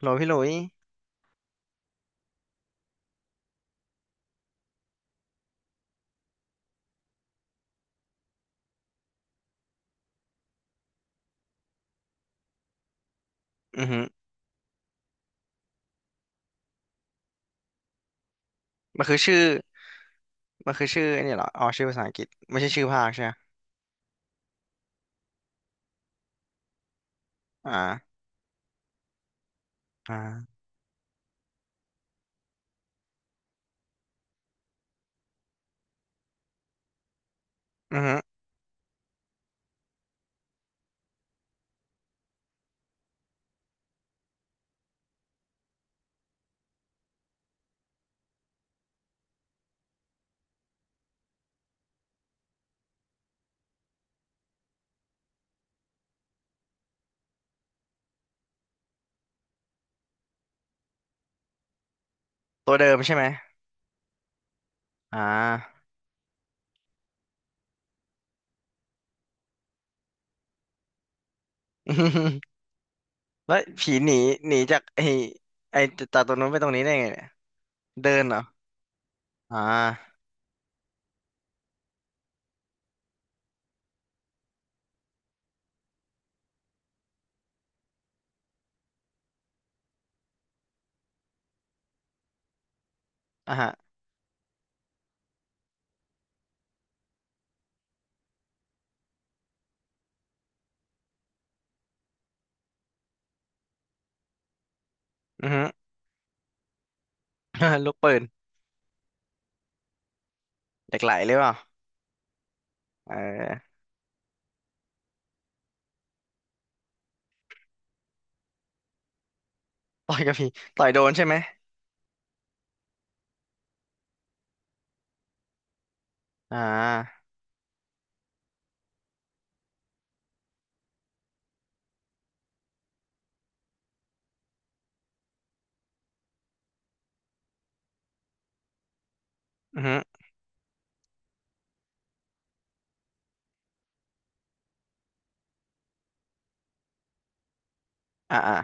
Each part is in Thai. โหลพี่หลุยอือหือมันคือชื่อมันคือชื่อไอ้นี่เหรออ๋อชื่อภาษาอังกฤษไม่ใช่ชื่อภาคใช่ไหมอ่าอ่าอือหือตัวเดิมใช่ไหมอ่า แล้วผีหนีหนีจากไอ้ไอ้จากตรงนู้นไปตรงนี้ได้ไงเนี่ยเดินเหรออ่าอ่าฮะอือหือ ลูกปืนเหล็กไหลหรือเปล่าเออต่อยกับผีต่อยโดนใช่ไหมอ่าอือหืออ่าอ่า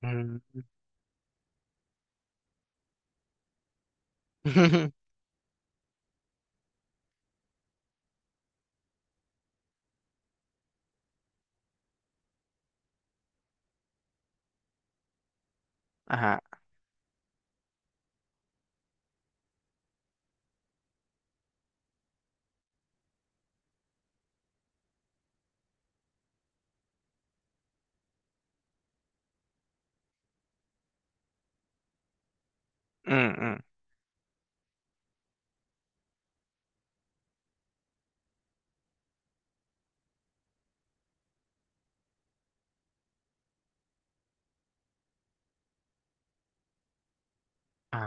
อืม อ่าฮะอืมอืมอ่า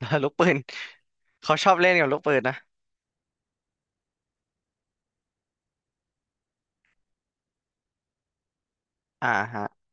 ล้ลูกปืนเขาชอบเล่นกับลูกปืนนะอ่าฮะ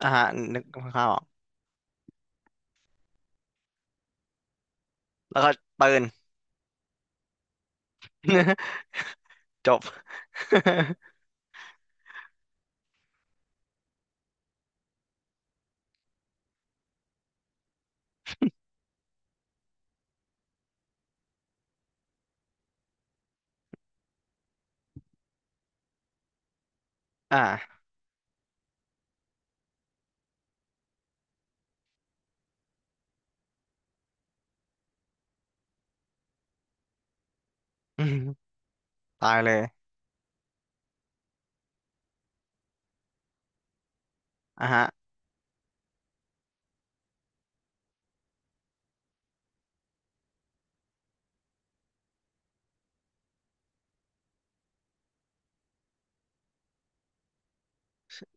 อ่าฮะนึกข้าวออกแล้วก็ปืน จบ อ่า อืมตายเลยอ่ะฮะ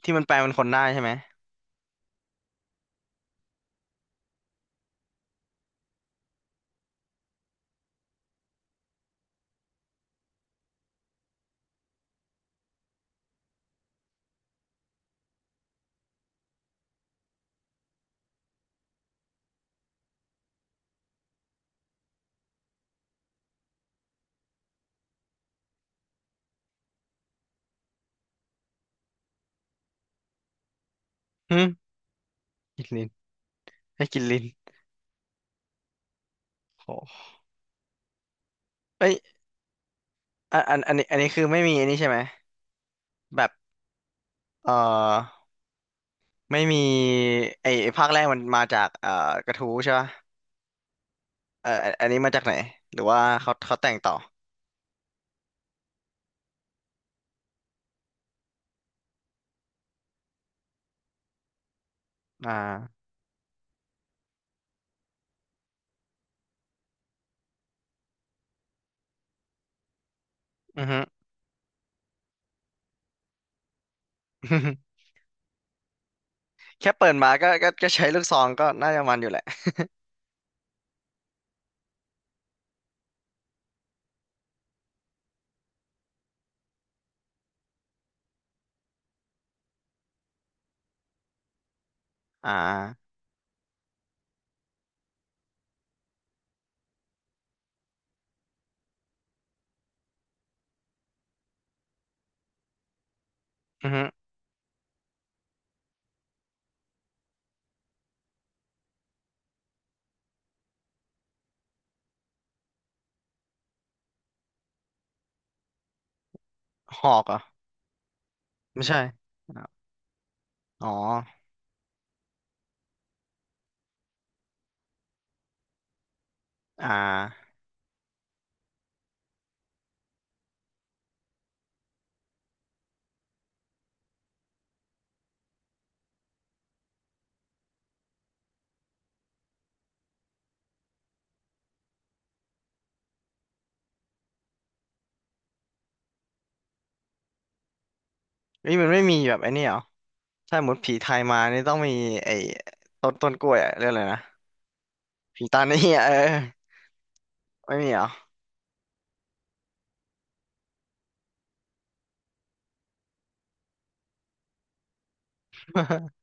ที่มันแปลเป็นคนได้ใช่ไหมหึกินลิ้นให้กินลิ้นโอ้เอ้ยอันนี้อันนี้คือไม่มีอันนี้ใช่ไหมแบบเอ่อไม่มีไอ้ไอ้ภาคแรกมันมาจากกระทู้ใช่ป่ะอันอันนี้มาจากไหนหรือว่าเขาเขาแต่งต่ออ่าอือฮึ แค่เปิดมาก็ก็ก็ใช้ลูกซองก็น่าจะมันอยู่แหละอ่าอือฮึหอกเหรอไม่ใช่ อ๋ออ่าเฮ้ยมันไม่มีแบบไอ้นี่เหรอถ้าหมดผีไทยมานี่ต้องมีไอ้ต้นต้นกล้วยอะเรื่องอะไรนะผีตานี่อะเออไม่มีเหรอ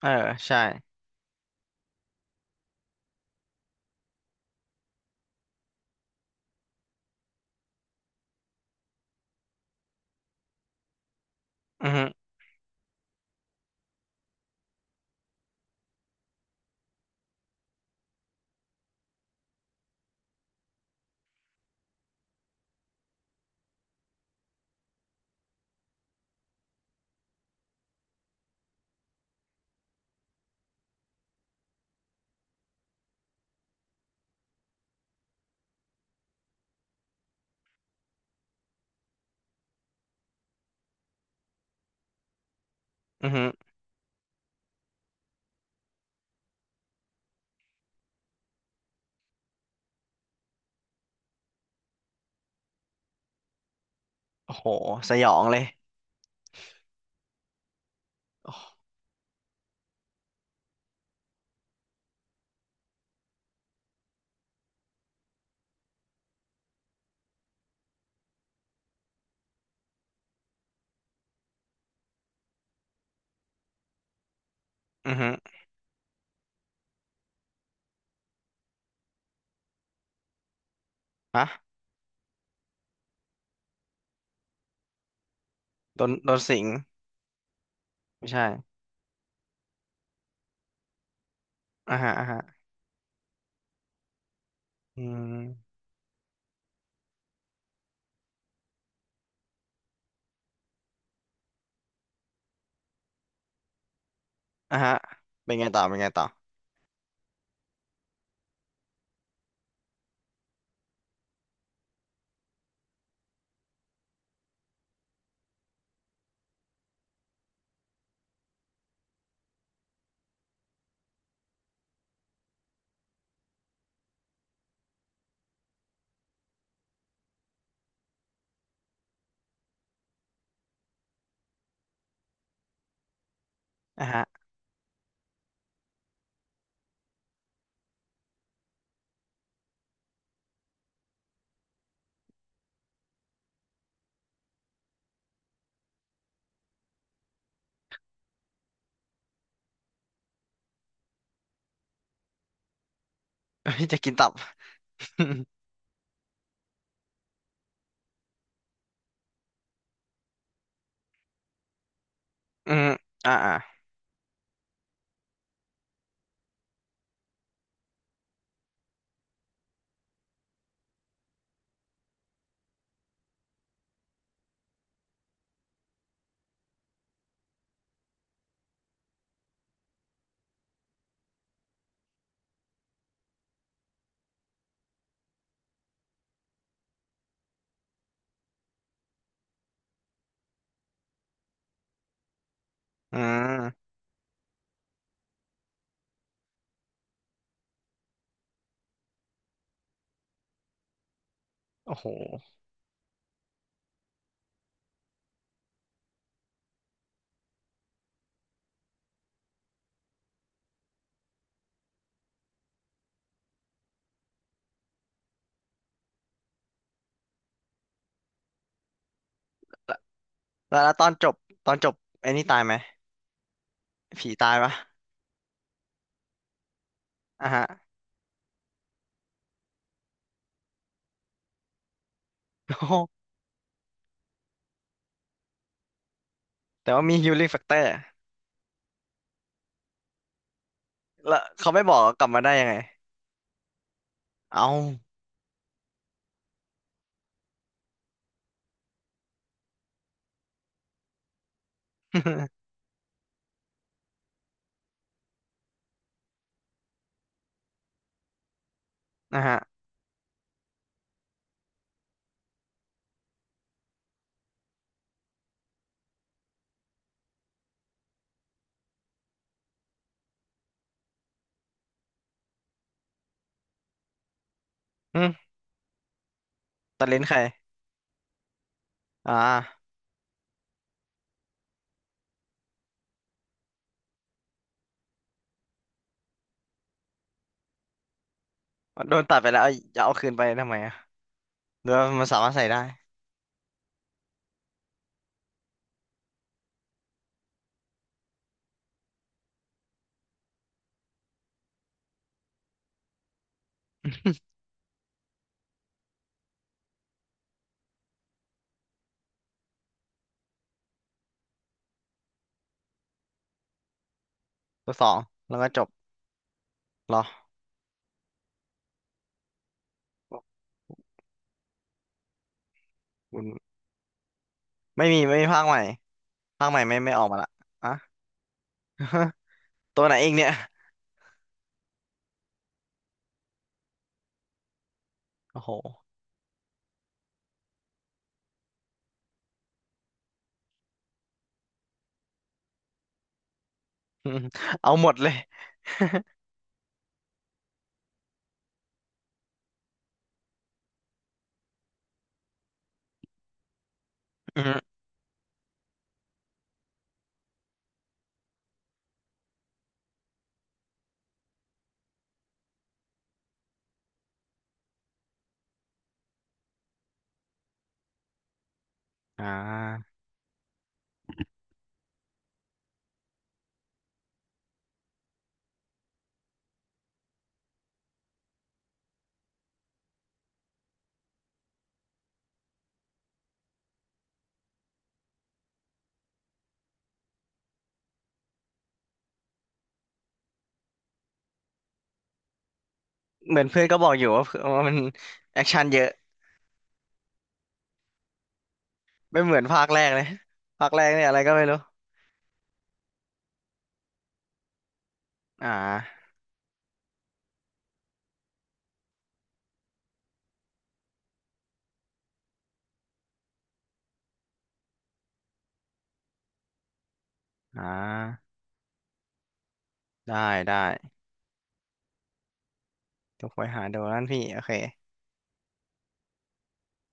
เออใช่อือฮึอือฮึโอ้โหสยองเลยโอ้อือฮึฮะโดนโดนสิงไม่ใช่อ่าฮะอ่าฮะอืมอ่าฮะเป็นไงต่อเป็นไงต่ออ่าฮะ เฮ้ยจะกินตับ อืออ่าอ่าอืมโอ้โหแล้วแล้วตอนจบตอนจบไอ้นี่ตายไหมผีตายปะอ่าฮะ โอ้โห แต่ว่ามีฮิลลิ่งแฟกเตอร์แล้วเขาไม่บอกกลับมาได้ยังไงเอา นะฮะอืมตัดลิ้นใครอ่าโดนตัดไปแล้วเอาจะเอาคืนไปทำไมอ่ะหรือว่ามันสามารถใส่ได้ตัวสองแล้วก็จบเหรอขอบคุณไม่มีไม่มีภาคใหม่ภาคใหม่ไม่ไม่ออกมาละอ่ะ ตัวไหนเองเนี่ยโอ้โห เอาหมดเลย อืมอ่าเหมือนเพื่อนก็บอกอยู่ว่าว่ามันแอคชั่นเยอะไม่เหมือนภาคแรกเลยภาคแรกเนี่ยอะไรก็ไม่รู้อ่าอ่าได้ได้ เดี๋ยกไปหาดูนั่นพี่โอเค